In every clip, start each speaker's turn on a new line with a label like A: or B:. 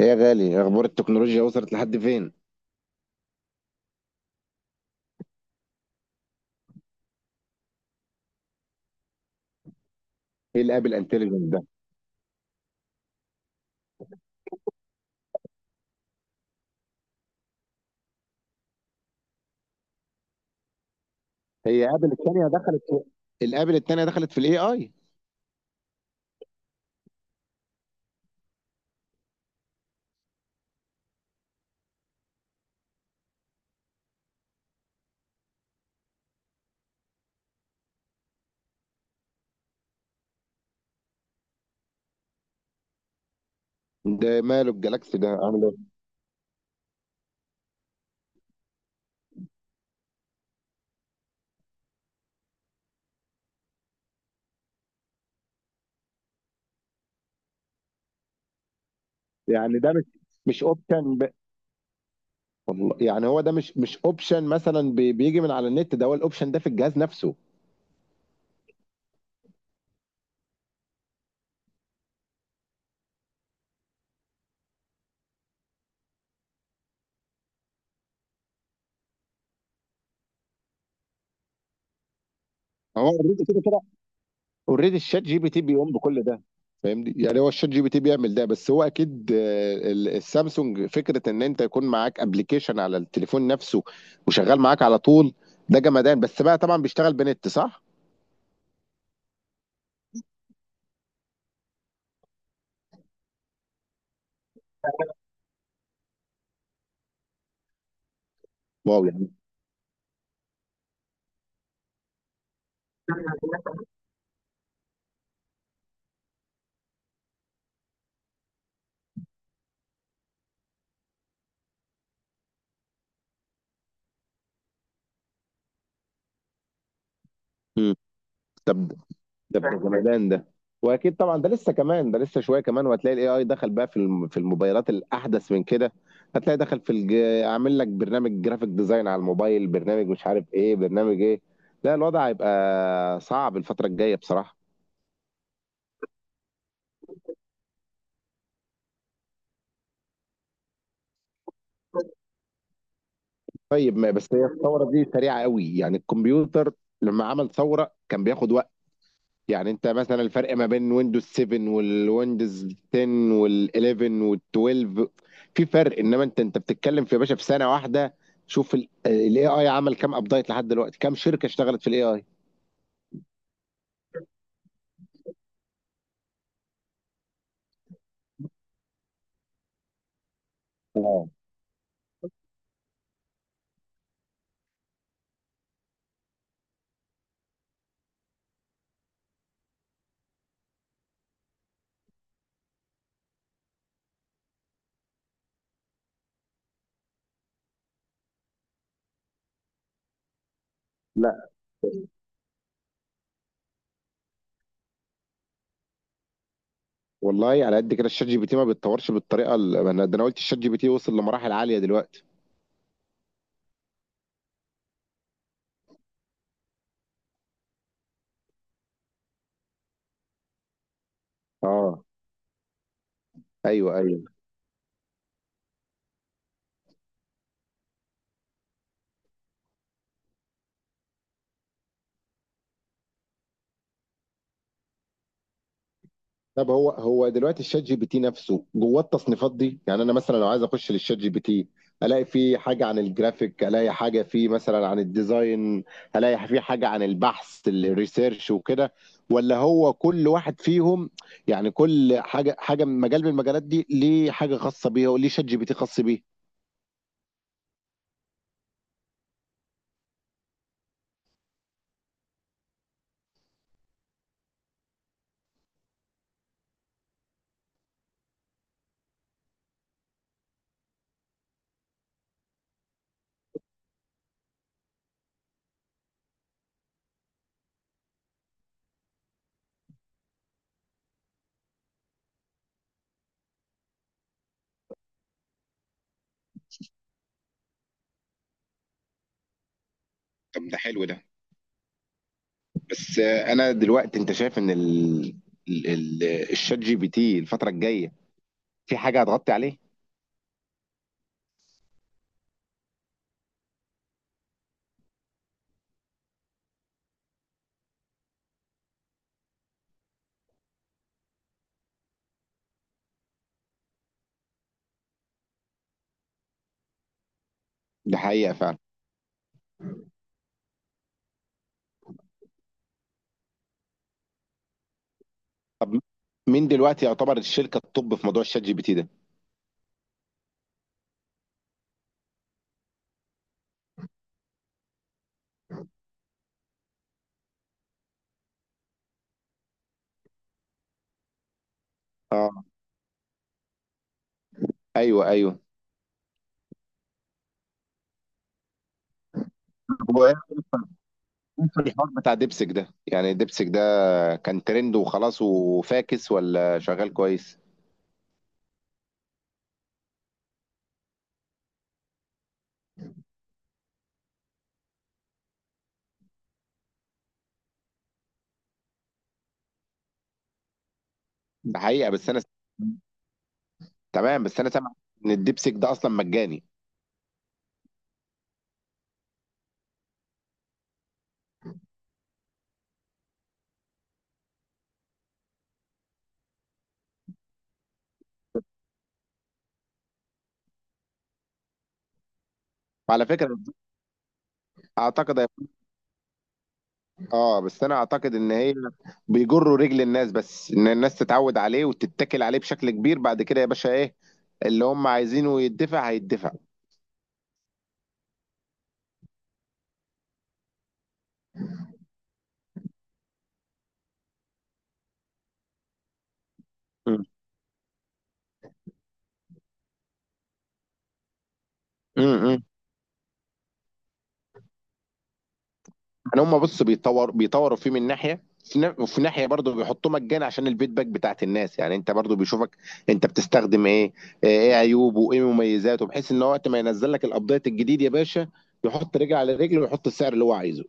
A: ايه يا غالي، اخبار التكنولوجيا وصلت لحد فين؟ ايه الابل انتليجنس ده؟ هي ابل الثانيه دخلت في الابل الثانيه دخلت في الاي اي؟ ده ماله الجلاكسي ده عامل ايه؟ يعني ده مش مش اوبشن ب... والله يعني هو ده مش اوبشن مثلا بيجي من على النت، ده هو الاوبشن ده في الجهاز نفسه؟ هو اوريدي كده، اوريدي الشات جي بي تي بيقوم بكل ده. فاهمني؟ يعني هو الشات جي بي تي بيعمل ده، بس هو اكيد السامسونج فكره ان انت يكون معاك ابلكيشن على التليفون نفسه وشغال معاك على طول. ده جمدان، بس بقى طبعا بيشتغل بنت، صح؟ واو، يعني مم. طب ده جمدان ده. واكيد طبعا ده لسه كمان، ده لسه شويه كمان، وهتلاقي الاي اي دخل بقى في في الموبايلات الاحدث من كده. هتلاقي دخل في عامل لك برنامج جرافيك ديزاين على الموبايل، برنامج مش عارف ايه، برنامج ايه. لا، الوضع هيبقى صعب الفتره الجايه بصراحه. طيب ما بس هي الثوره دي سريعه قوي، يعني الكمبيوتر لما عمل ثوره كان بياخد وقت. يعني انت مثلا الفرق ما بين ويندوز 7 والويندوز 10 وال11 وال12، في فرق، انما انت بتتكلم في يا باشا في سنه واحده. شوف الاي اي عمل كام ابديت لحد دلوقتي، كام شركه اشتغلت في الاي اي. اه. لا والله، على قد كده الشات جي بي تي ما بيتطورش بالطريقه انا قلت الشات جي بي تي وصل لمراحل عاليه دلوقتي. اه، ايوه ايوه. طب هو دلوقتي الشات جي بي تي نفسه جواه التصنيفات دي؟ يعني انا مثلا لو عايز اخش للشات جي بي تي الاقي فيه حاجه عن الجرافيك، الاقي حاجه فيه مثلا عن الديزاين، الاقي فيه حاجه عن البحث الريسيرش وكده؟ ولا هو كل واحد فيهم؟ يعني كل حاجه، حاجه من مجال من المجالات دي ليه حاجه خاصه بيها وليه شات جي بي تي خاص بيه؟ طب ده حلو ده. بس آه، انا دلوقتي انت شايف ان ال... ال- الشات جي بي تي الفتره الجايه في حاجه هتغطي عليه؟ ده حقيقه. طب مين دلوقتي يعتبر الشركه التوب في موضوع الشات جي بي تي ده؟ اه، ايوه ايوه. هو ايه في الحوار بتاع دبسك ده؟ يعني دبسك ده كان ترند وخلاص وفاكس، ولا شغال كويس؟ ده حقيقه. بس انا تمام، بس انا سامع ان الدبسك ده اصلا مجاني. وعلى فكره اعتقد، اه بس انا اعتقد ان هي بيجروا رجل الناس بس ان الناس تتعود عليه وتتكل عليه بشكل كبير، بعد كده يا باشا ايه، اللي هم عايزينه يدفع هيدفع. امم يعني هم بص بيطوروا فيه من ناحيه، وفي ناحيه برضه بيحطوه مجانا عشان الفيدباك بتاعت الناس. يعني انت برضه بيشوفك انت بتستخدم ايه، ايه عيوبه وايه مميزاته، بحيث ان هو وقت ما ينزل لك الابديت الجديد يا باشا يحط رجل على رجل ويحط السعر اللي هو عايزه.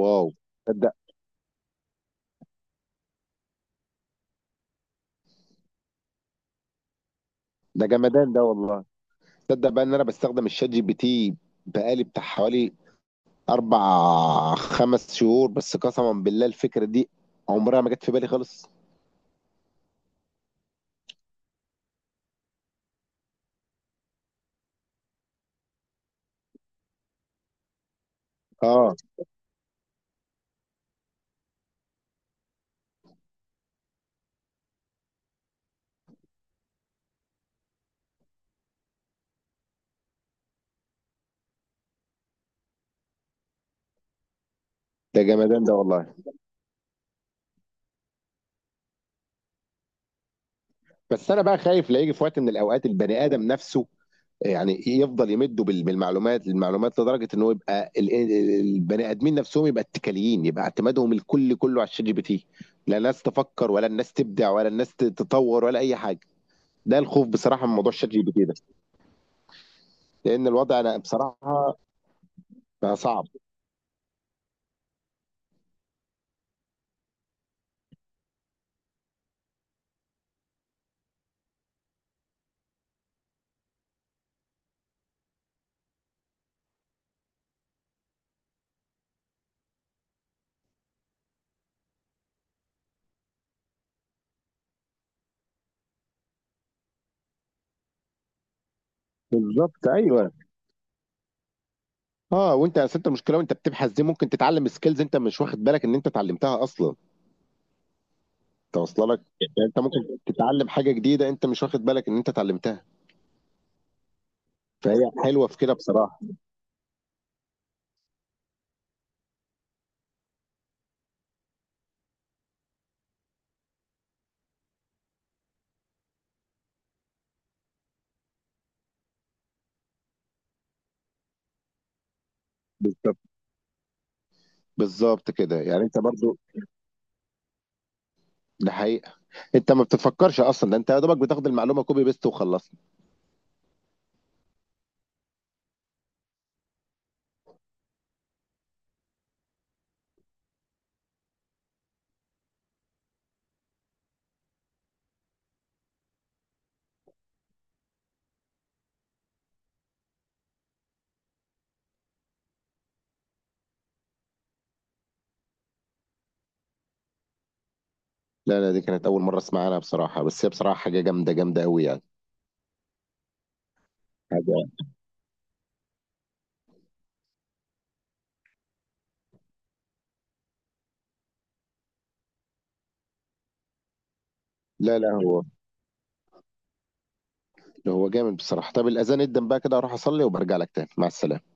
A: واو. تصدق ده جمدان ده والله. تصدق بقى ان انا بستخدم الشات جي بي تي بقالي بتاع حوالي اربع خمس شهور بس، قسما بالله الفكره دي عمرها ما جت في بالي خالص. اه ده جمدان ده والله. بس انا بقى خايف لا يجي في وقت من الاوقات البني ادم نفسه، يعني يفضل يمده بالمعلومات المعلومات لدرجه ان هو يبقى البني ادمين نفسهم يبقى اتكاليين، يبقى اعتمادهم كله على الشات جي بي تي. لا الناس تفكر، ولا الناس تبدع، ولا الناس تتطور، ولا اي حاجه. ده الخوف بصراحه من موضوع الشات جي بي تي ده، لان الوضع انا بصراحه بقى صعب. بالظبط، ايوه. اه، وانت يا انت المشكله وانت بتبحث دي ممكن تتعلم سكيلز انت مش واخد بالك ان انت اتعلمتها اصلا. انت واصله لك، يعني انت ممكن تتعلم حاجه جديده انت مش واخد بالك ان انت اتعلمتها. فهي حلوه في كده بصراحه. بالظبط، بالظبط كده، يعني انت برضو. ده حقيقه. انت ما بتفكرش اصلا، ده انت يا دوبك بتاخد المعلومه كوبي بيست وخلصنا. لا لا، دي كانت اول مره اسمع عنها بصراحه، بس هي بصراحه حاجه جامده جامده قوي يعني. حاجه. لا لا، هو هو جامد بصراحه. طب الاذان ادن بقى كده، اروح اصلي وبرجع لك تاني، مع السلامه.